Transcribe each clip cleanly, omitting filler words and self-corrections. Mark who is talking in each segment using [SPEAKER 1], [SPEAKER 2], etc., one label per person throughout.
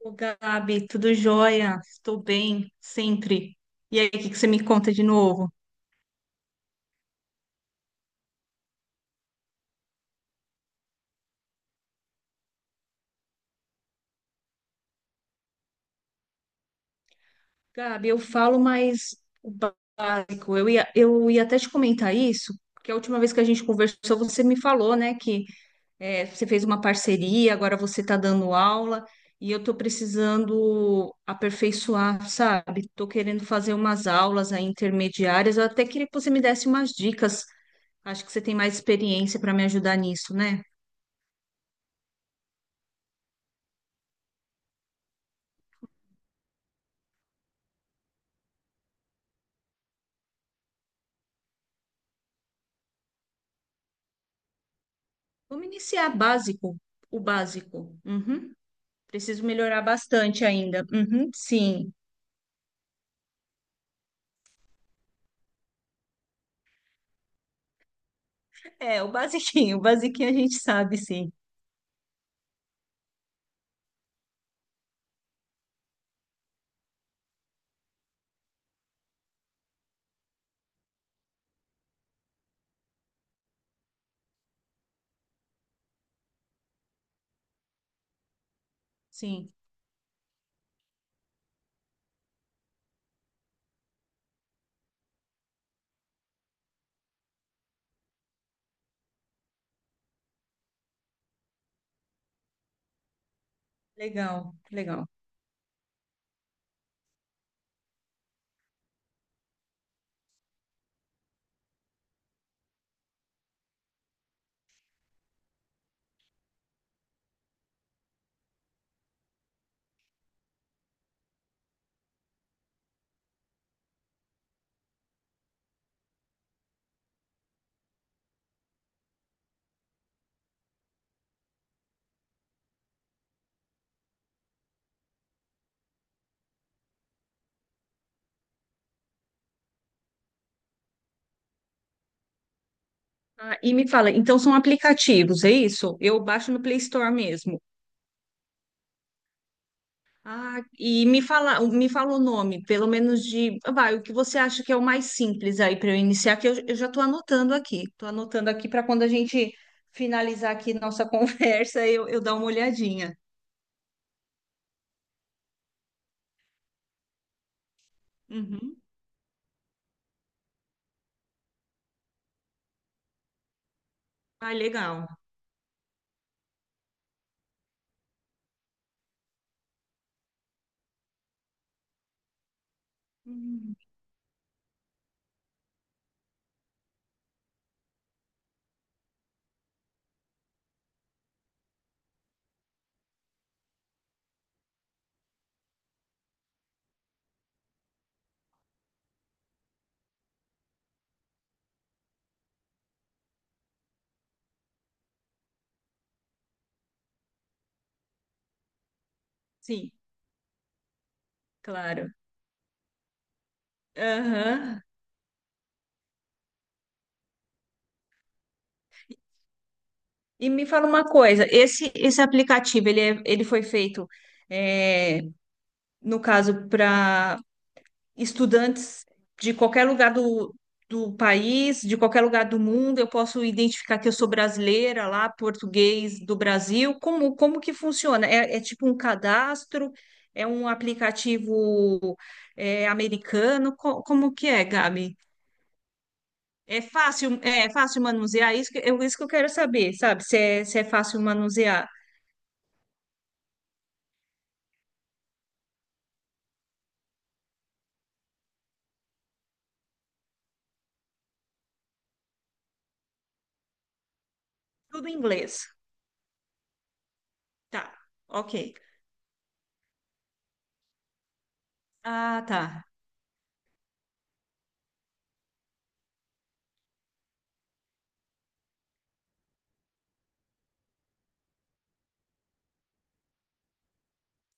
[SPEAKER 1] Ô, Gabi, tudo jóia? Estou bem, sempre. E aí, o que que você me conta de novo? Gabi, eu falo mais o básico. Eu ia até te comentar isso, porque a última vez que a gente conversou, você me falou, né, que você fez uma parceria, agora você está dando aula, e eu estou precisando aperfeiçoar, sabe? Estou querendo fazer umas aulas aí intermediárias. Eu até queria que você me desse umas dicas. Acho que você tem mais experiência para me ajudar nisso, né? Vamos iniciar básico, o básico. Uhum. Preciso melhorar bastante ainda. Uhum, sim. É, o basiquinho, o basiquinho a gente sabe, sim. Sim, legal, legal. Ah, e me fala, então são aplicativos, é isso? Eu baixo no Play Store mesmo. Ah, e me fala o nome, pelo menos de, vai, o que você acha que é o mais simples aí para eu iniciar, que eu já estou anotando aqui. Estou anotando aqui para quando a gente finalizar aqui nossa conversa, eu dar uma olhadinha. Uhum. Ah, legal. Hum, Sim, claro. Aham. E me fala uma coisa, esse aplicativo, ele, ele foi feito, é, no caso, para estudantes de qualquer lugar do país, de qualquer lugar do mundo, eu posso identificar que eu sou brasileira lá, português do Brasil, como, como que funciona? É, é tipo um cadastro, é um aplicativo, é, americano, como que é, Gabi? É fácil manusear? Isso que eu quero saber, sabe? Se é, se é fácil manusear. Tudo em inglês. Tá, ok. Ah, tá.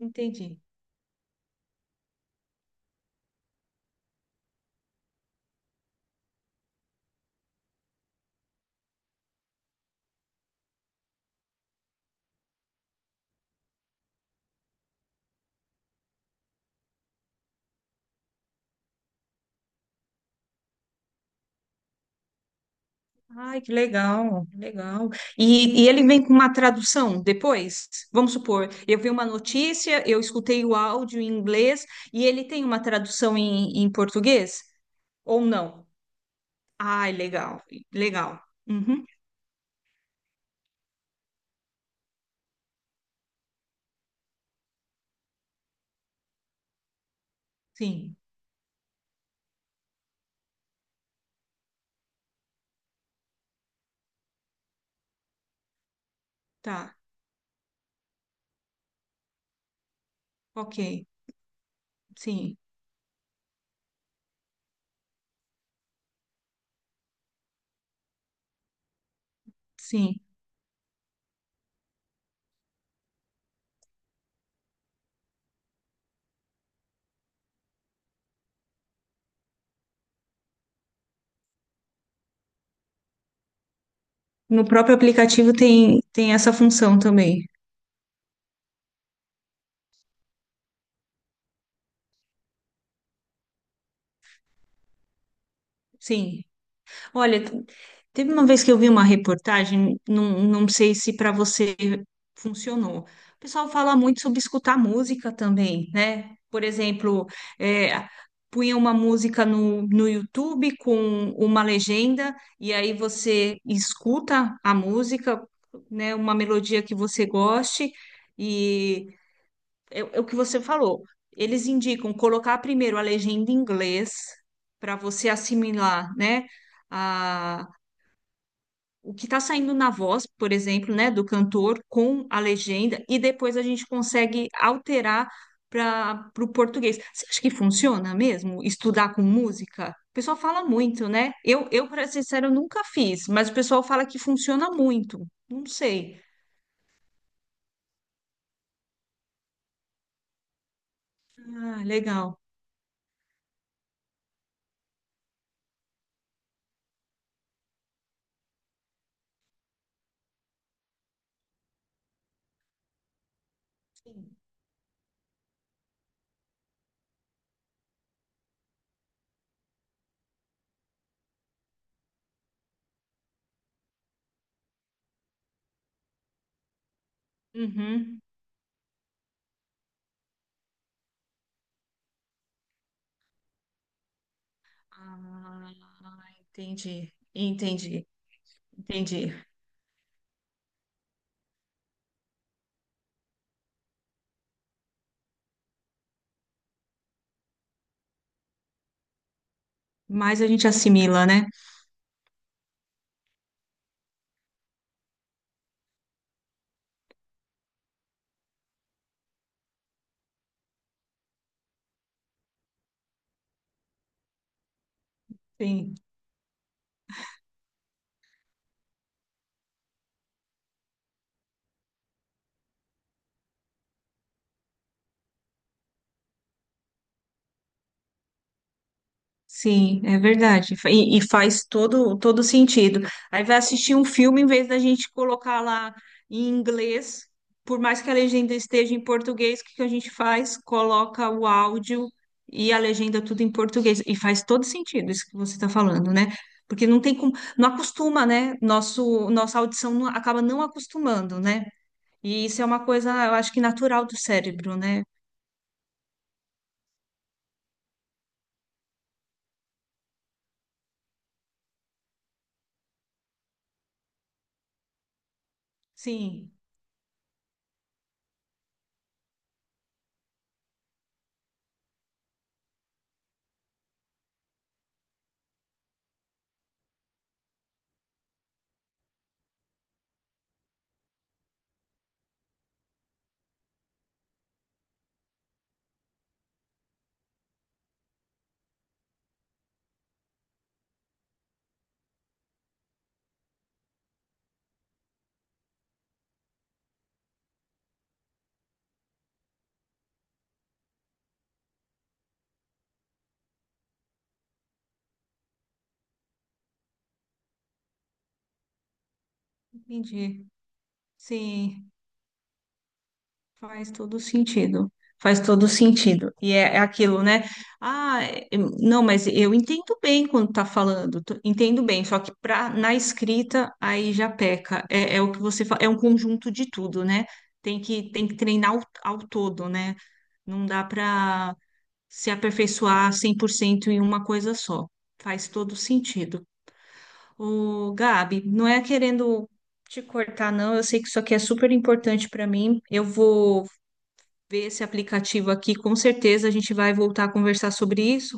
[SPEAKER 1] Entendi. Ai, que legal, que legal. E ele vem com uma tradução depois? Vamos supor, eu vi uma notícia, eu escutei o áudio em inglês e ele tem uma tradução em, em português? Ou não? Ai, legal, legal. Uhum, sim, tá, ok. Sim, sim. No próprio aplicativo tem, tem essa função também. Sim. Olha, teve uma vez que eu vi uma reportagem, não, não sei se para você funcionou. O pessoal fala muito sobre escutar música também, né? Por exemplo, é, punha uma música no, no YouTube com uma legenda, e aí você escuta a música, né? Uma melodia que você goste. E é, é o que você falou. Eles indicam colocar primeiro a legenda em inglês para você assimilar, né, a, o que está saindo na voz, por exemplo, né, do cantor com a legenda e depois a gente consegue alterar para o português. Você acha que funciona mesmo estudar com música? O pessoal fala muito, né? Eu para ser sincero, eu nunca fiz, mas o pessoal fala que funciona muito. Não sei. Ah, legal. Uhum. Ah, entendi, entendi, entendi. Mas a gente assimila, né? Sim, sim, é verdade. E faz todo, todo sentido. Aí vai assistir um filme em vez da gente colocar lá em inglês, por mais que a legenda esteja em português, o que que a gente faz? Coloca o áudio e a legenda tudo em português. E faz todo sentido isso que você está falando, né? Porque não tem como, não acostuma, né? Nosso, nossa audição acaba não acostumando, né? E isso é uma coisa, eu acho que natural do cérebro, né? Sim, entendi. Sim, faz todo sentido. Faz todo sentido. E é, é aquilo, né? Ah, não, mas eu entendo bem quando tá falando, entendo bem, só que pra, na escrita aí já peca. É, é o que você fala, é um conjunto de tudo, né? Tem que treinar ao, ao todo, né? Não dá para se aperfeiçoar 100% em uma coisa só. Faz todo sentido. Ô, Gabi, não é querendo te cortar, não. Eu sei que isso aqui é super importante para mim. Eu vou ver esse aplicativo aqui, com certeza a gente vai voltar a conversar sobre isso,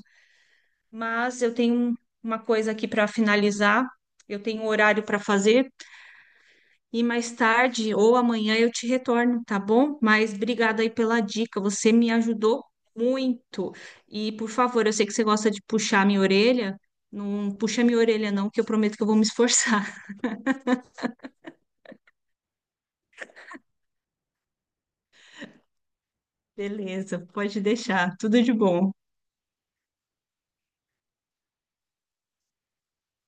[SPEAKER 1] mas eu tenho uma coisa aqui para finalizar. Eu tenho um horário para fazer e mais tarde ou amanhã eu te retorno, tá bom? Mas obrigada aí pela dica, você me ajudou muito. E por favor, eu sei que você gosta de puxar minha orelha, não puxa minha orelha não, que eu prometo que eu vou me esforçar. Beleza, pode deixar. Tudo de bom.